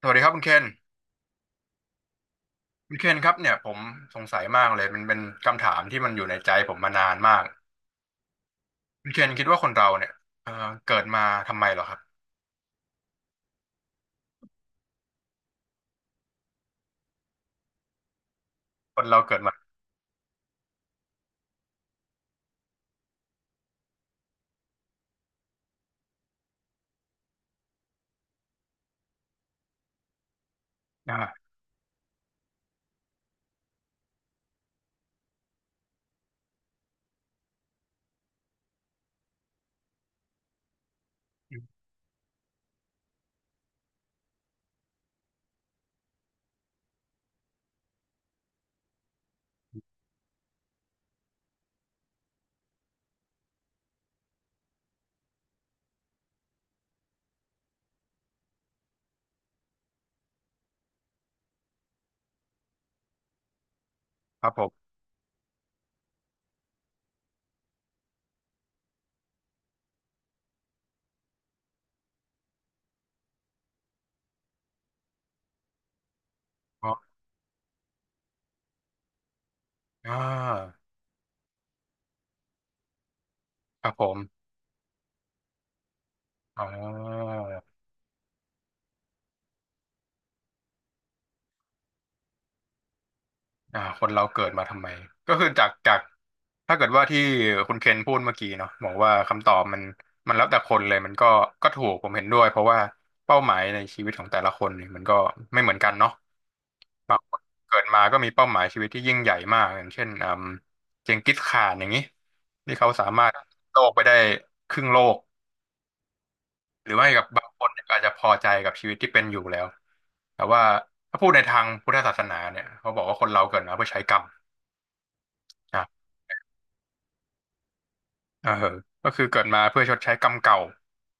สวัสดีครับคุณเคนคุณเคนครับเนี่ยผมสงสัยมากเลยมันเป็นคำถามที่มันอยู่ในใจผมมานานมากคุณเคนคิดว่าคนเราเนี่ยเอ่อเกิดมาทำไมเหรอครับคนเราเกิดมาอ่าครับผมอ๋ออ่าครับผมอ๋อ อ่าคนเราเกิดมาทำไมก็คือจากถ้าเกิดว่าที่คุณเคนพูดเมื่อกี้เนาะบอกว่าคำตอบมันแล้วแต่คนเลยมันก็ก็ถูกผมเห็นด้วยเพราะว่าเป้าหมายในชีวิตของแต่ละคนเนี่ยมันก็ไม่เหมือนกันเนาะบางคนเกิดมาก็มีเป้าหมายชีวิตที่ยิ่งใหญ่มากอย่างเช่นอืมเจงกิสข่านอย่างนี้ที่เขาสามารถโลกไปได้ครึ่งโลกหรือไม่กับบางคนเนี่ยก็อาจจะพอใจกับชีวิตที่เป็นอยู่แล้วแต่ว่าถ้าพูดในทางพุทธศาสนาเนี่ยเขาบอกว่าคนเราเกิดมาเพื่อใช้กรรม เออก็คือเกิดมาเพื่อชดใช้กรรมเก่า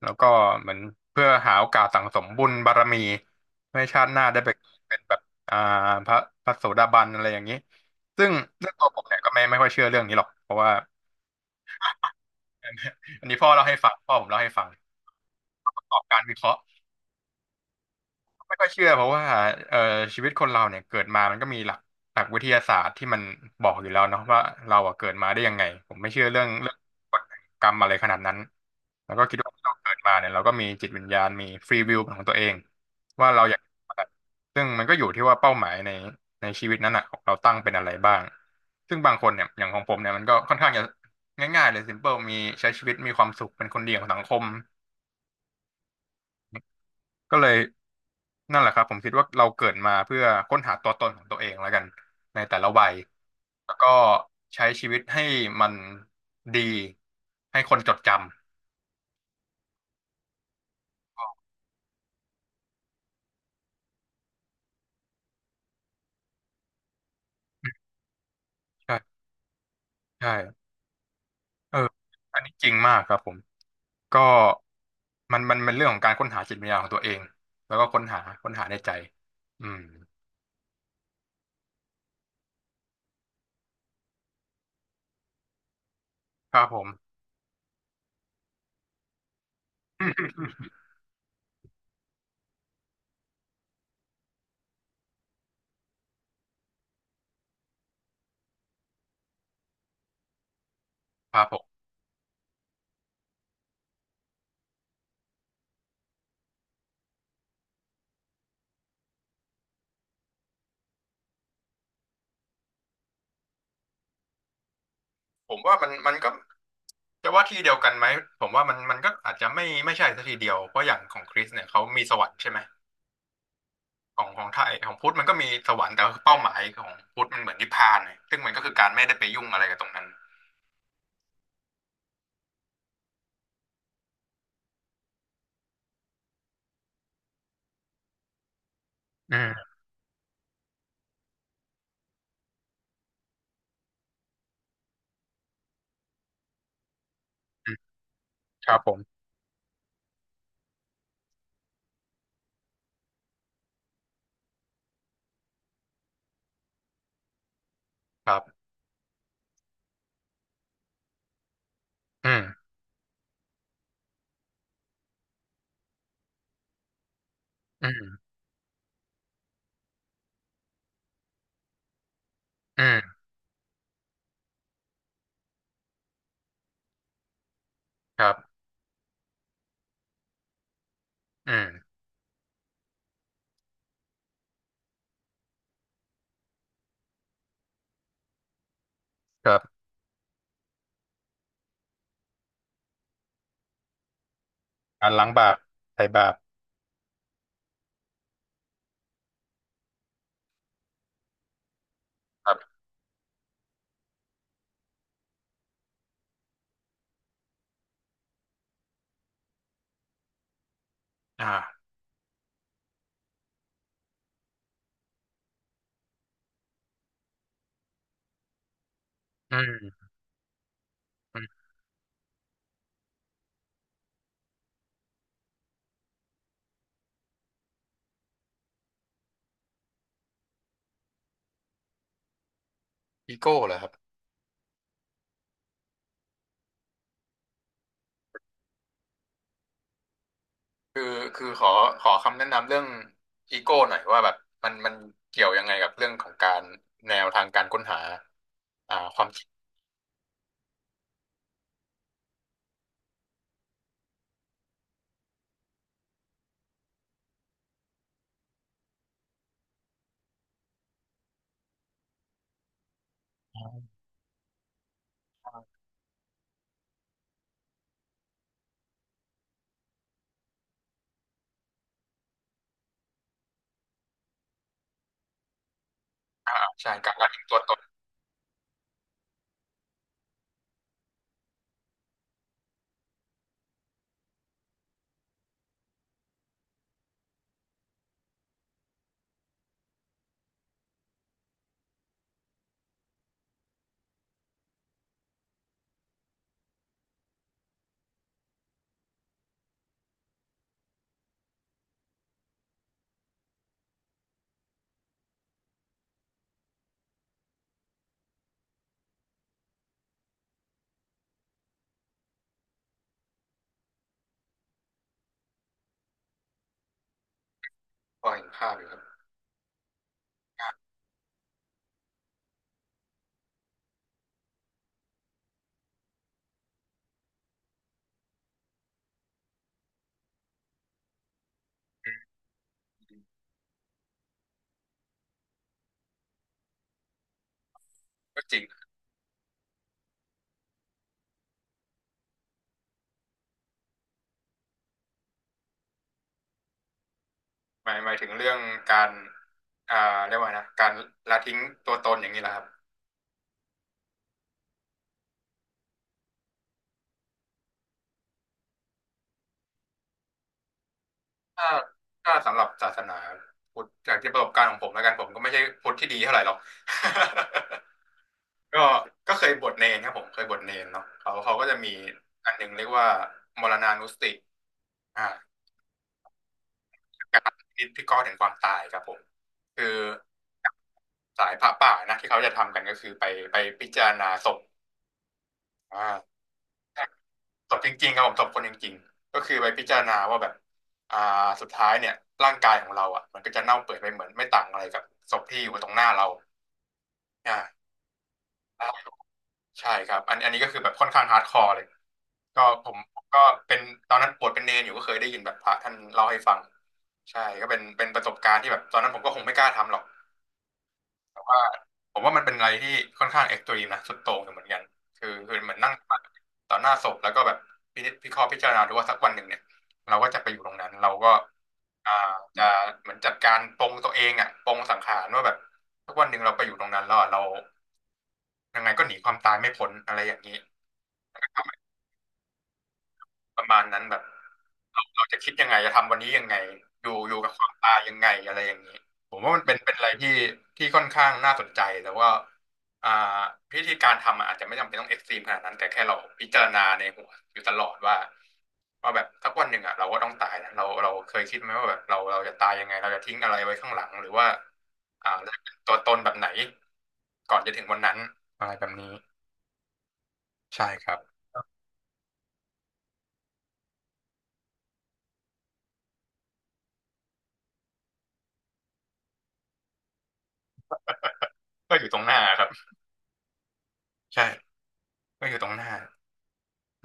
แล้วก็เหมือนเพื่อหาโอกาสสั่งสมบุญบารมีเพื่อให้ชาติหน้าได้ไปเป็นแบบอ่าพระพระโสดาบันอะไรอย่างนี้ ซึ่งเรื่องตัวผมเนี่ยก็ไม่ค่อยเชื่อเรื่องนี้หรอก เพราะว่าอันนี้พ่อเล่าให้ฟังพ่อผมเล่าให้ฟังประกอบการวิเคราะห์ ไม่ค่อยเชื่อเพราะว่าเอ่อชีวิตคนเราเนี่ยเกิดมามันก็มีหลักวิทยาศาสตร์ที่มันบอกอยู่แล้วเนาะว่าเราอะเกิดมาได้ยังไงผมไม่เชื่อเรื่องกฎกรรมอะไรขนาดนั้นแล้วก็คิดว่าเราเกิดมาเนี่ยเราก็มีจิตวิญญาณมีฟรีวิลของตัวเองว่าเราอยากซึ่งมันก็อยู่ที่ว่าเป้าหมายในชีวิตนั้นอะของเราตั้งเป็นอะไรบ้างซึ่งบางคนเนี่ยอย่างของผมเนี่ยมันก็ค่อนข้างจะง่ายๆเลย simple มีใช้ชีวิตมีความสุขเป็นคนดีของสังคม ก็เลยนั่นแหละครับผมคิดว่าเราเกิดมาเพื่อค้นหาตัวตนของตัวเองแล้วกันในแต่ละวัยแล้วก็ใช้ชีวิตให้มันดีให้คนจดจำใช่ใช่เอออันนี้จริงมากครับผมก็มันเป็นเรื่องของการค้นหาจิตวิญญาณของตัวเองแล้วก็ค้นหาในใจอืมครับผม ครับผมผมว่ามันมันก็ จะว่าที่เดียวกันไหมผมว่ามันมันก็อาจจะไม่ใช่ซะทีเดียวเพราะอย่างของคริสเนี่ยเขามีสวรรค์ใช่ไหมของของไทยของพุทธมันก็มีสวรรค์แต่ว่าเป้าหมายของพุทธมันเหมือนนิพพานเลียซึ่งมันก็คือการไม่ได้ไปยุ่งอะไรกับตรงนั้นอืมอืมครับผมครับอืมอืมอืมครับอืมครับการล้างบาปไถ่บาปครับอ่าอืมอืมอีโก้เหรอครับ คือคือขอขอคำแนะนำเรื่องอีโก้หน่อยว่าแบบมันมันเกี่ยวยังไงกับเรื่องของการแนวทางการค้นหาอ่าความจริงอ่าใช่การลาทิ้งตัวตนพอเห็นภาพอยู่ครับก็จริงหมายถึงเรื่องการอ่าเรียกว่าไงนะการละทิ้งตัวตนอย่างนี้แหละครับ ถ้าถ้าสำหรับศาสนาพุทธจากที่ประสบการณ์ของผมแล้วกันผมก็ไม่ใช่พุทธที่ดีเท่าไหร่หรอก ก็ก็เคยบวชเนรครับผมเคยบวชเนรเนาะเขาก็จะมีอันหนึ่งเรียกว่ามรณานุสติอ่าการพิจารณาถึงความตายครับผมคือสายพระป่านะที่เขาจะทำกันก็คือไปพิจารณาศพอ่า ตบจริงๆครับผมตบคนจริงๆก็คือไปพิจารณาว่าแบบอ่าสุดท้ายเนี่ยร่างกายของเราอ่ะมันก็จะเน่าเปื่อยไปเหมือนไม่ต่างอะไรกับศพที่อยู่ตรงหน้าเราอ่าใช่ครับอันนี้ก็คือแบบค่อนข้างฮาร์ดคอร์เลยก็ผมก็เป็นตอนนั้นปวดเป็นเนรอยู่ก็เคยได้ยินแบบพระท่านเล่าให้ฟังใช่ก็เป็นเป็นประสบการณ์ที่แบบตอนนั้นผมก็คงไม่กล้าทำหรอก ว่าผมว่ามันเป็นอะไรที่ค่อนข้างเอ็กซ์ตรีมนะสุดโต่งอยู่เหมือนกันคือคือเหมือนนั่งต่อหน้าศพแล้วก็แบบพินิจพิเคราะห์พิจารณาดูว่าสักวันหนึ่งเนี่ยเราก็จะไปอยู่ตรงนั้นเราก็อ่าจะเหมือนจัดการปลงตัวเองอ่ะปลงสังขารว่าแบบสักวันหนึ่งเราไปอยู่ตรงนั้นแล้วอะเรายังไงก็หนีความตายไม่พ้นอะไรอย่างนี้ ประมาณนั้นแบบเราจะคิดยังไงจะทำวันนี้ยังไงอยู่กับความตายยังไงอะไรอย่างนี้ผมว่ามันเป็นเป็นอะไรที่ที่ค่อนข้างน่าสนใจแต่ว่าอ่าพิธีการทำอะอาจจะไม่จำเป็นต้องเอ็กซ์ตรีมขนาดนั้นแต่แค่เราพิจารณาในหัวอยู่ตลอดว่าแบบสักวันหนึ่งอ่ะเราก็ต้องตายนะเราเคยคิดไหมว่าแบบเราจะตายยังไงเราจะทิ้งอะไรไว้ข้างหลังหรือว่าอ่าเราจะเป็นตัวตนแบบไหนก่อนจะถึงวันนั้นอะไรแบบนี้ใช่ครับก็อยู่ตรงหน้าครับใช่ก็อยู่ตรงหน้า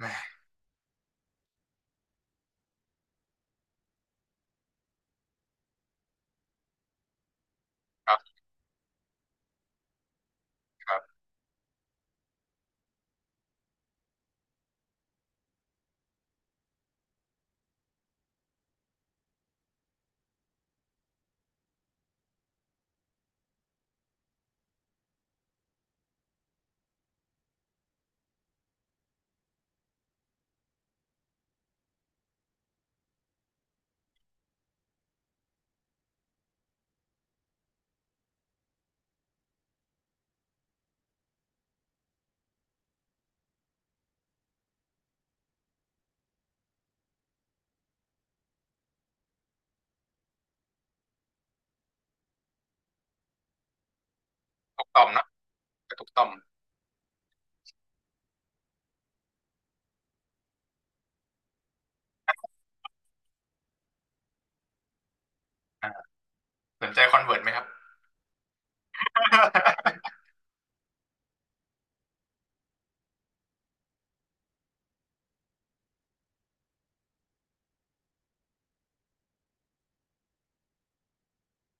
แหม ครับทุกต่อมเนอะกระทุกต่อมอ่าสนใจคอนเวิร์ตไหมครับ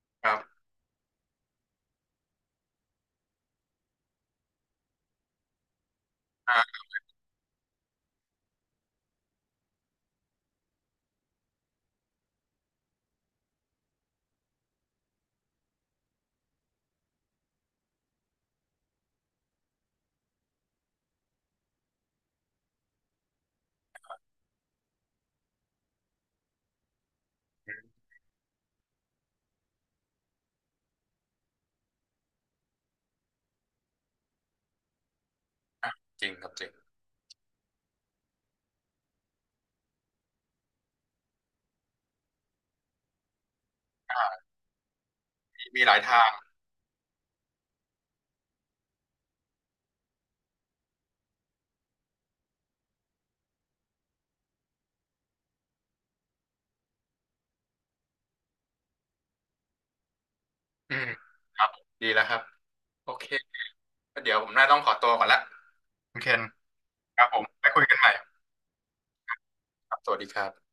ครับอ่าจริงครับจริงมีมีหลายทางอืมครับดีแล้วครับโอเคก็เดี๋ยวผมน่าต้องขอตัวก่อนละคุณเคนครับผมไปคุยกันใหม่ครับสวัสดีครับ